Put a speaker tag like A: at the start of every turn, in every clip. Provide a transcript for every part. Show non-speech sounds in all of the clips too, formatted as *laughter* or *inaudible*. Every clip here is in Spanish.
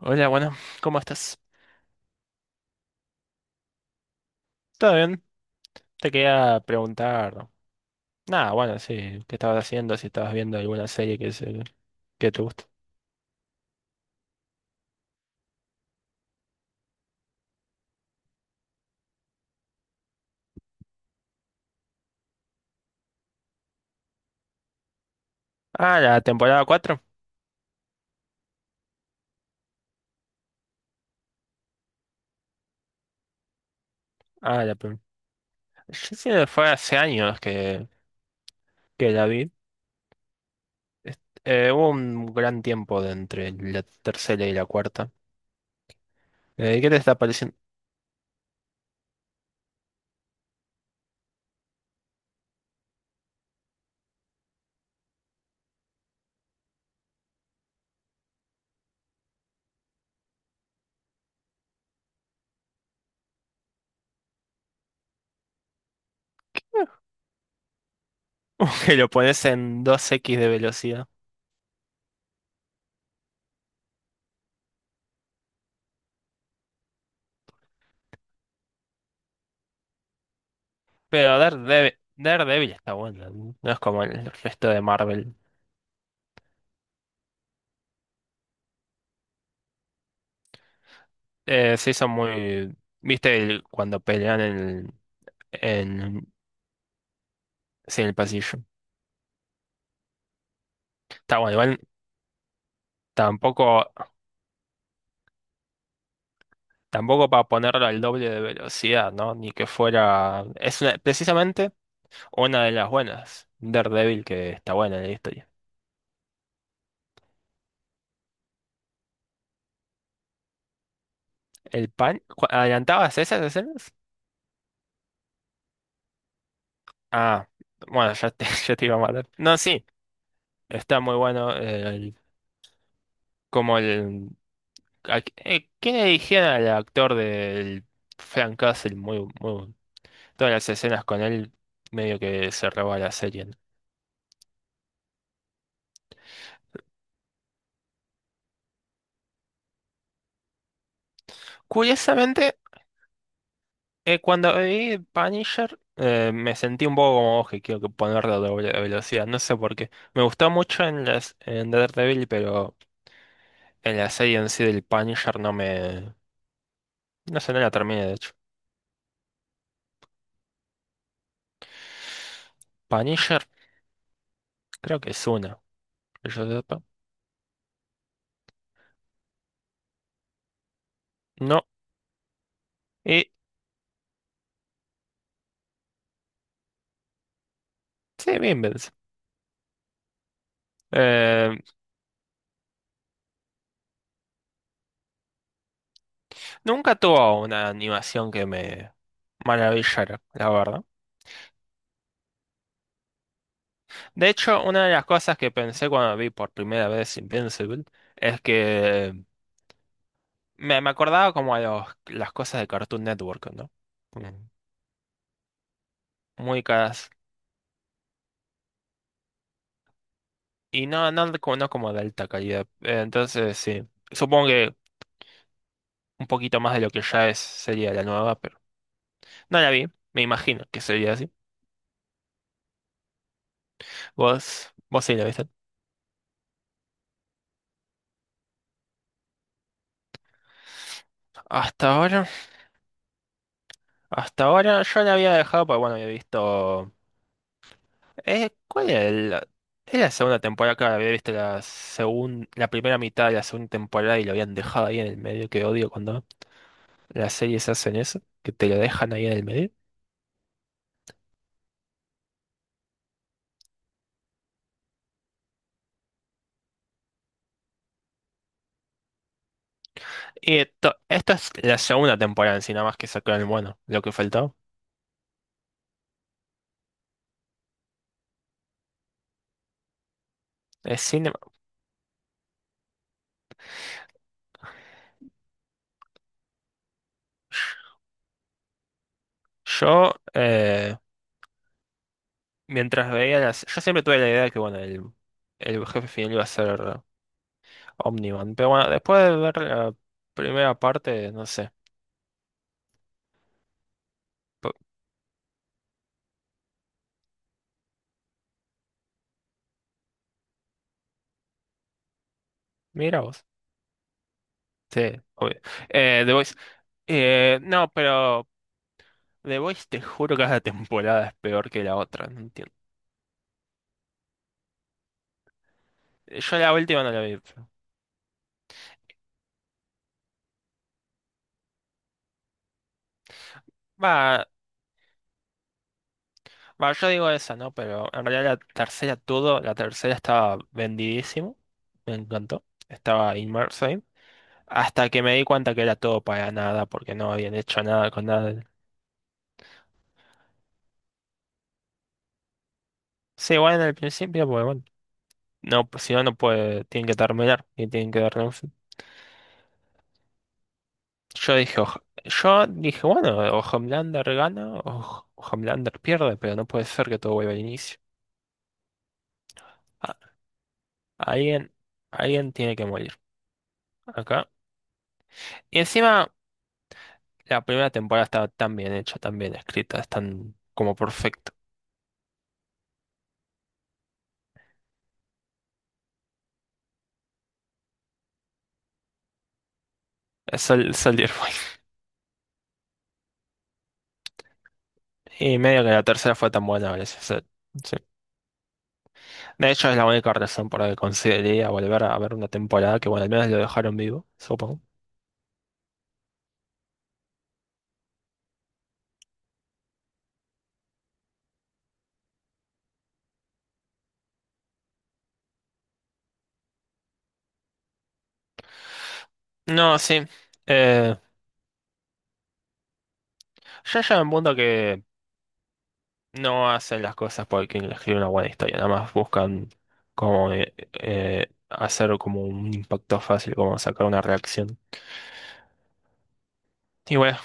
A: Hola, bueno, ¿cómo estás? ¿Todo bien? Te quería preguntar. Nada, bueno, sí, ¿qué estabas haciendo? Si estabas viendo alguna serie que, que te gusta. Ah, la temporada 4. Ah, la primera. Yo sí, fue hace años que la vi. Hubo un gran tiempo de entre la tercera y la cuarta. ¿Qué te está pareciendo? *laughs* Que lo pones en 2x de velocidad. Pero Daredevil, Daredevil está bueno, no. No es como el resto de Marvel. Sí, son muy... ¿Viste cuando pelean en, sí, en el pasillo? Está bueno, igual tampoco, tampoco para ponerlo al doble de velocidad, ¿no? Ni que fuera... Es precisamente una de las buenas. Daredevil, que está buena en la historia. ¿El pan? ¿Adelantabas esas escenas? Ah, bueno, *laughs* ya te iba a matar. No, sí, está muy bueno como el... ¿Quién eligieron al actor del Frank Castle? Muy, muy. Todas las escenas con él medio que se roba la serie, ¿no? Curiosamente, cuando vi Punisher, me sentí un poco como vos que quiero que ponerlo a doble velocidad. No sé por qué. Me gustó mucho en Daredevil, pero en la serie en sí del Punisher no me. No sé, no la terminé, de hecho. Punisher, creo que es una, que yo sepa. No. Y sí, bien. Eh, Nunca tuvo una animación que me maravillara, la verdad. De hecho, una de las cosas que pensé cuando vi por primera vez Invincible es que me acordaba como a las cosas de Cartoon Network, ¿no? Como muy caras. Y no, no, no como de alta calidad. Entonces, sí. Supongo que un poquito más de lo que ya es sería la nueva, pero no la vi. Me imagino que sería así. Vos sí la viste. Hasta ahora, hasta ahora yo la había dejado, porque bueno, había visto. ¿Cuál era, el? Es la segunda temporada, claro, había visto la la primera mitad de la segunda temporada y lo habían dejado ahí en el medio, que odio cuando las series hacen eso, que te lo dejan ahí en el medio. Y esta es la segunda temporada en sí, nada más que sacaron, bueno, lo que faltó. Es cinema. Yo, eh, Mientras veía las... Yo siempre tuve la idea de que, bueno, el jefe final iba a ser Omniman, pero bueno, después de ver la primera parte, no sé. P- Mira vos. Sí, obvio. The Voice. No, pero... The Voice, te juro que cada temporada es peor que la otra, no entiendo. Yo la última no la vi. Va, va, yo digo esa, ¿no? Pero en realidad la tercera estaba vendidísimo, me encantó. Estaba inmerso ahí. Hasta que me di cuenta que era todo para nada, porque no habían hecho nada con nada. Sí, bueno, en el principio, pues bueno, no, pues, si no, no puede, tienen que terminar y tienen que darle un fin. Yo dije, bueno, o Homelander gana o Homelander pierde, pero no puede ser que todo vuelva al inicio. Alguien, alguien tiene que morir acá. Y encima, la primera temporada está tan bien hecha, tan bien escrita, es tan como perfecto. Es el Soldier Boy. Y medio que la tercera fue tan buena gracias veces. Sí. De hecho, es la única razón por la que consideraría volver a ver una temporada que, bueno, al menos lo dejaron vivo, supongo. No, sí. Eh, ya llega un punto que no hacen las cosas porque escribe una buena historia. Nada más buscan como hacer como un impacto fácil, como sacar una reacción. Y bueno,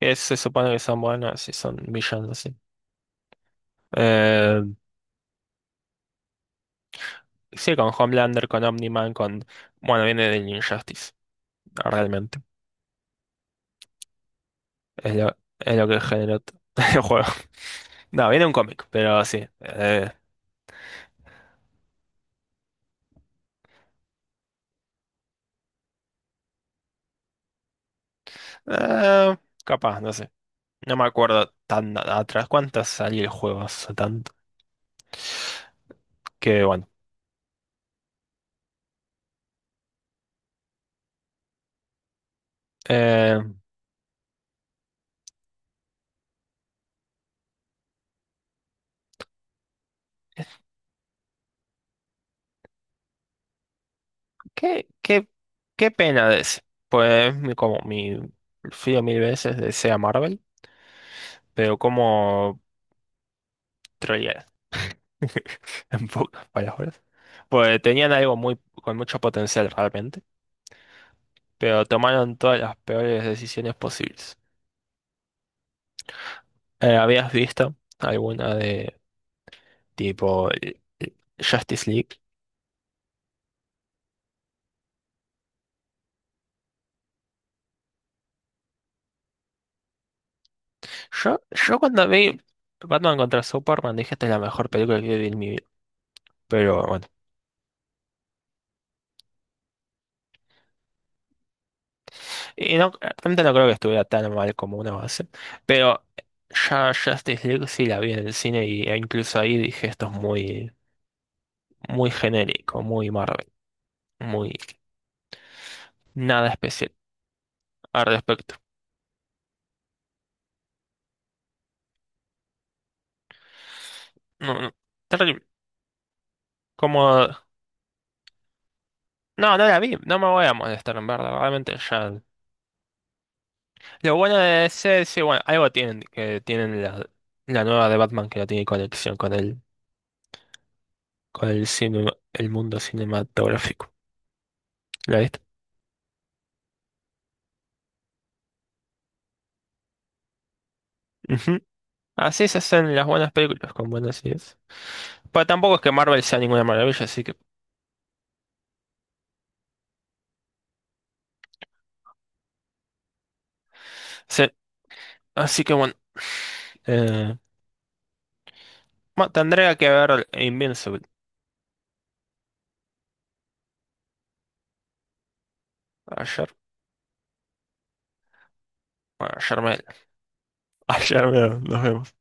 A: se supone que son buenos y son villanos así. Eh, sí, con Homelander, con Omni-Man, con... Bueno, viene del Injustice, realmente. Es lo que generó *laughs* el juego. No, viene un cómic, pero sí. Eh, Capaz, no sé. No me acuerdo tan atrás cuántas salió el juego hace tanto. Que bueno. Eh, qué, qué, Qué pena de ese. Pues como mi... Fío mil veces de sea Marvel, pero como... *laughs* En pocas palabras. Pues tenían algo muy, con mucho potencial realmente, pero tomaron todas las peores decisiones posibles. ¿Habías visto alguna de tipo Justice League? Yo, yo cuando vi Batman contra Superman dije esta es la mejor película que vi en mi vida. Pero bueno, y no, realmente no creo que estuviera tan mal como una base. Pero ya Justice League sí la vi en el cine y, e incluso ahí dije esto es muy, muy genérico, muy Marvel, muy... Nada especial al respecto. No, no. Terrible. Como... No, no la vi. No me voy a molestar, en verdad. Realmente ya... Lo bueno de ese, sí, bueno, algo tienen, que tienen la nueva de Batman que no tiene conexión con el, cine, el mundo cinematográfico. ¿La viste? Ujú. Así se hacen las buenas películas, con buenas ideas. Pero tampoco es que Marvel sea ninguna maravilla, así que... Sí, así que bueno. Eh, bueno, tendría que ver Invincible. Ayer. Bueno, ayer me... *laughs* Ayer me... Nos vemos.